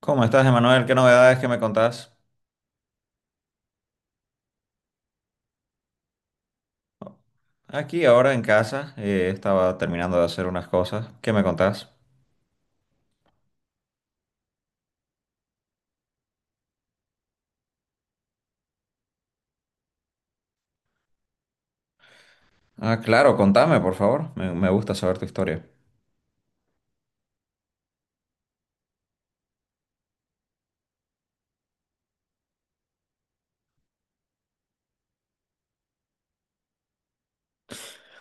¿Cómo estás, Emanuel? ¿Qué novedades que me contás? Aquí ahora en casa, estaba terminando de hacer unas cosas. ¿Qué me contás? Ah, claro, contame, por favor. Me gusta saber tu historia.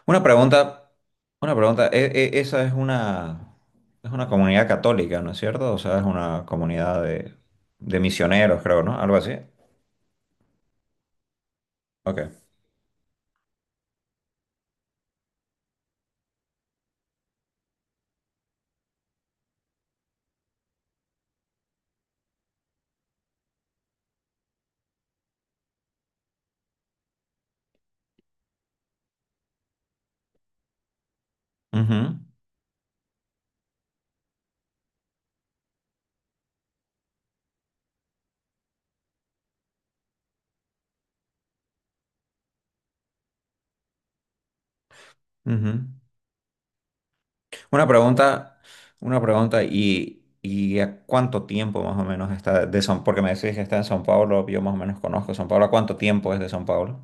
Una pregunta, una pregunta. E- e- Esa es una comunidad católica, ¿no es cierto? O sea, es una comunidad de misioneros, creo, ¿no? Algo así. Ok. Ujú, ujú. Una pregunta, y a cuánto tiempo más o menos está de San? Porque me decís que está en San Pablo, yo más o menos conozco San Pablo. ¿A cuánto tiempo es de San Pablo?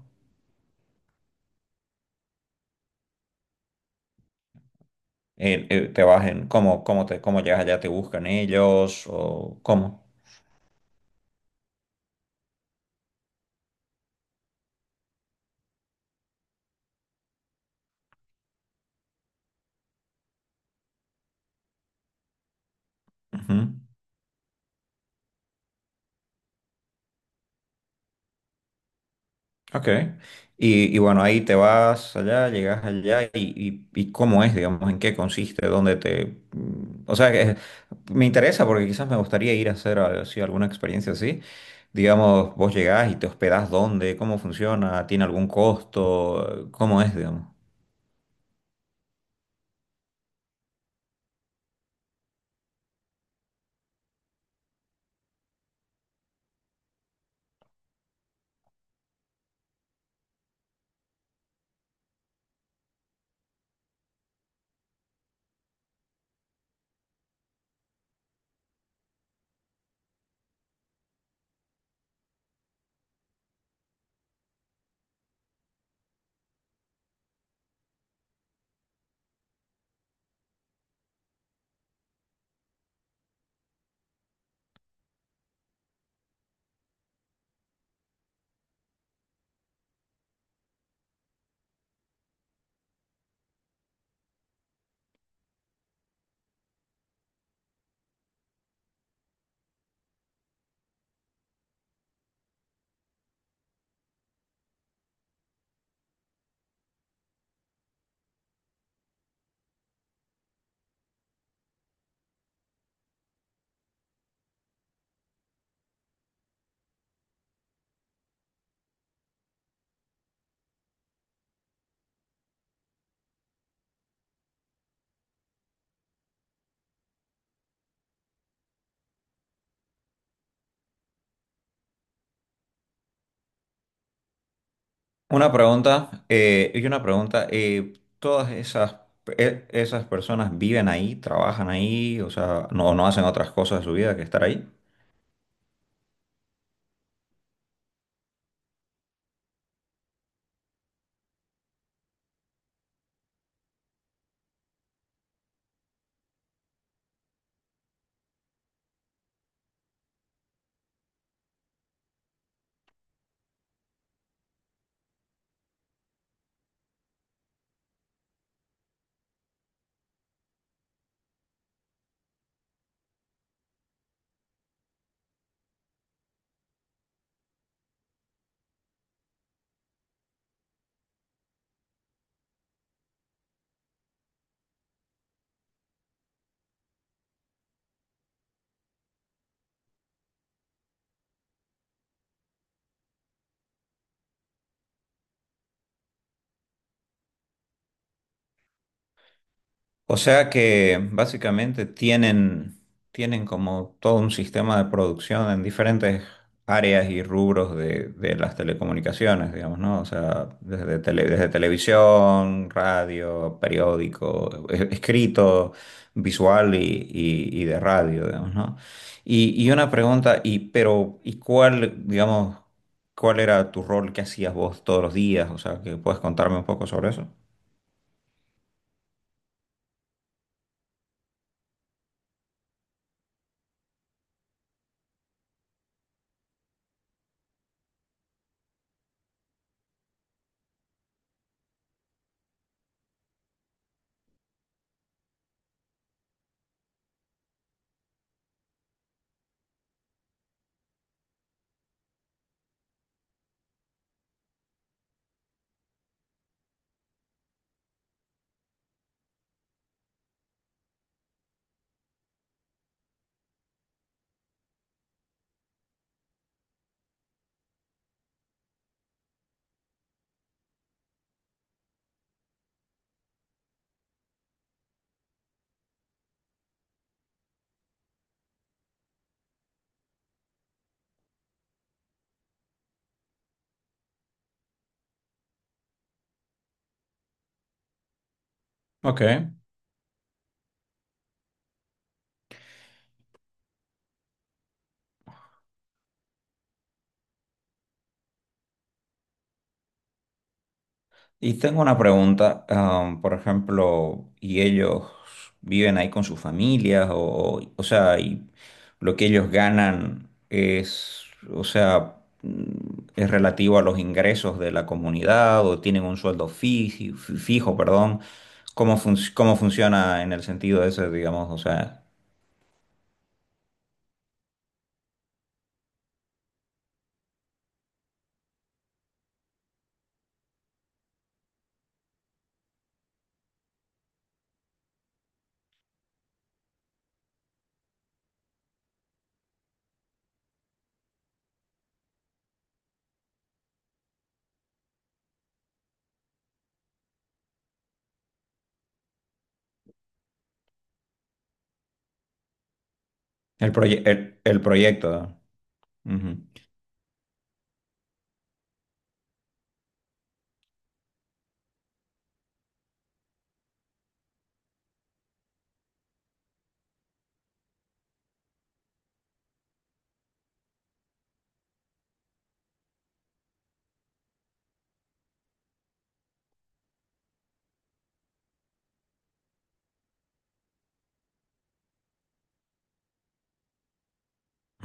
¿Te vas en, cómo, cómo llegas allá? ¿Te buscan ellos o cómo? Ujú. Ok. Y bueno, ahí te vas allá, llegas allá y cómo es, digamos, en qué consiste, O sea, que me interesa porque quizás me gustaría ir a hacer así alguna experiencia así. Digamos, vos llegás y te hospedás dónde, cómo funciona, tiene algún costo, cómo es, digamos. Una pregunta, y una pregunta, ¿todas esas, esas personas viven ahí, trabajan ahí, o sea, no, no hacen otras cosas de su vida que estar ahí? O sea que básicamente tienen, tienen como todo un sistema de producción en diferentes áreas y rubros de las telecomunicaciones, digamos, ¿no? O sea, desde, desde televisión, radio, periódico, escrito, visual y, y de radio, digamos, ¿no? Y una pregunta, y, pero, ¿y cuál, digamos, cuál era tu rol, qué hacías vos todos los días? O sea, que puedes contarme un poco sobre eso. Ok. Y tengo una pregunta, am, por ejemplo, ¿y ellos viven ahí con sus familias? O sea, y lo que ellos ganan es, o sea, mm, es relativo a los ingresos de la comunidad o tienen un sueldo fijo, perdón. ¿Cómo, cómo funciona en el sentido ese, digamos, o sea, el, el proyecto? Ujú,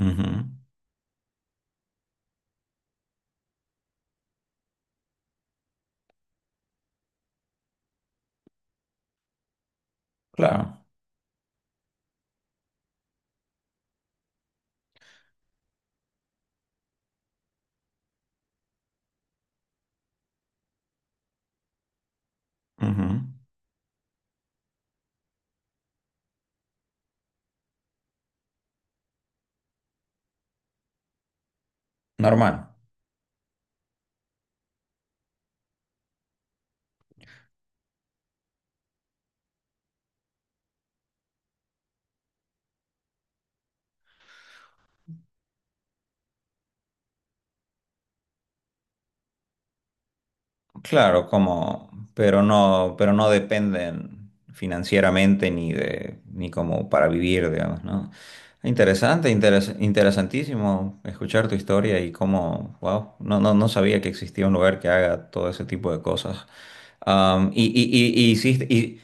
ujú, claro, ujú, normal. Claro, como, pero no dependen financieramente ni de, ni como para vivir, digamos, ¿no? Interesante, interesantísimo escuchar tu historia y cómo, wow, no, no, no sabía que existía un lugar que haga todo ese tipo de cosas. Am, y,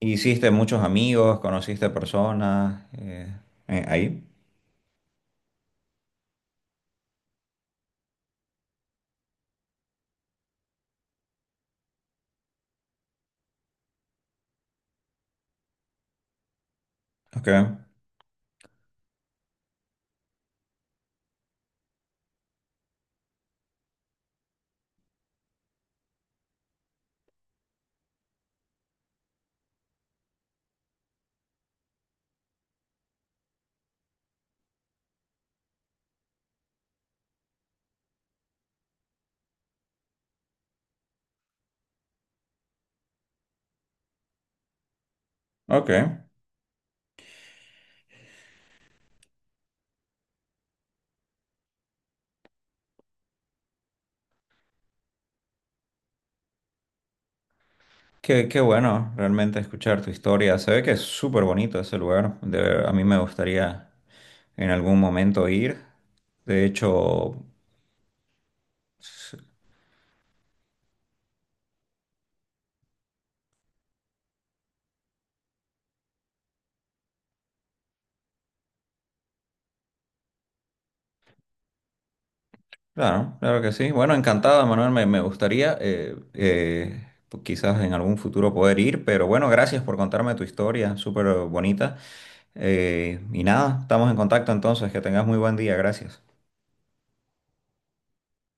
hiciste muchos amigos, conociste personas ahí. Ok, ok. Qué, qué bueno realmente escuchar tu historia. Se ve que es súper bonito ese lugar. A mí me gustaría en algún momento ir. De hecho, s- claro, claro que sí. Bueno, encantado, Manuel. Me gustaría pues quizás en algún futuro poder ir. Pero bueno, gracias por contarme tu historia, súper bonita. Y nada, estamos en contacto entonces. Que tengas muy buen día. Gracias.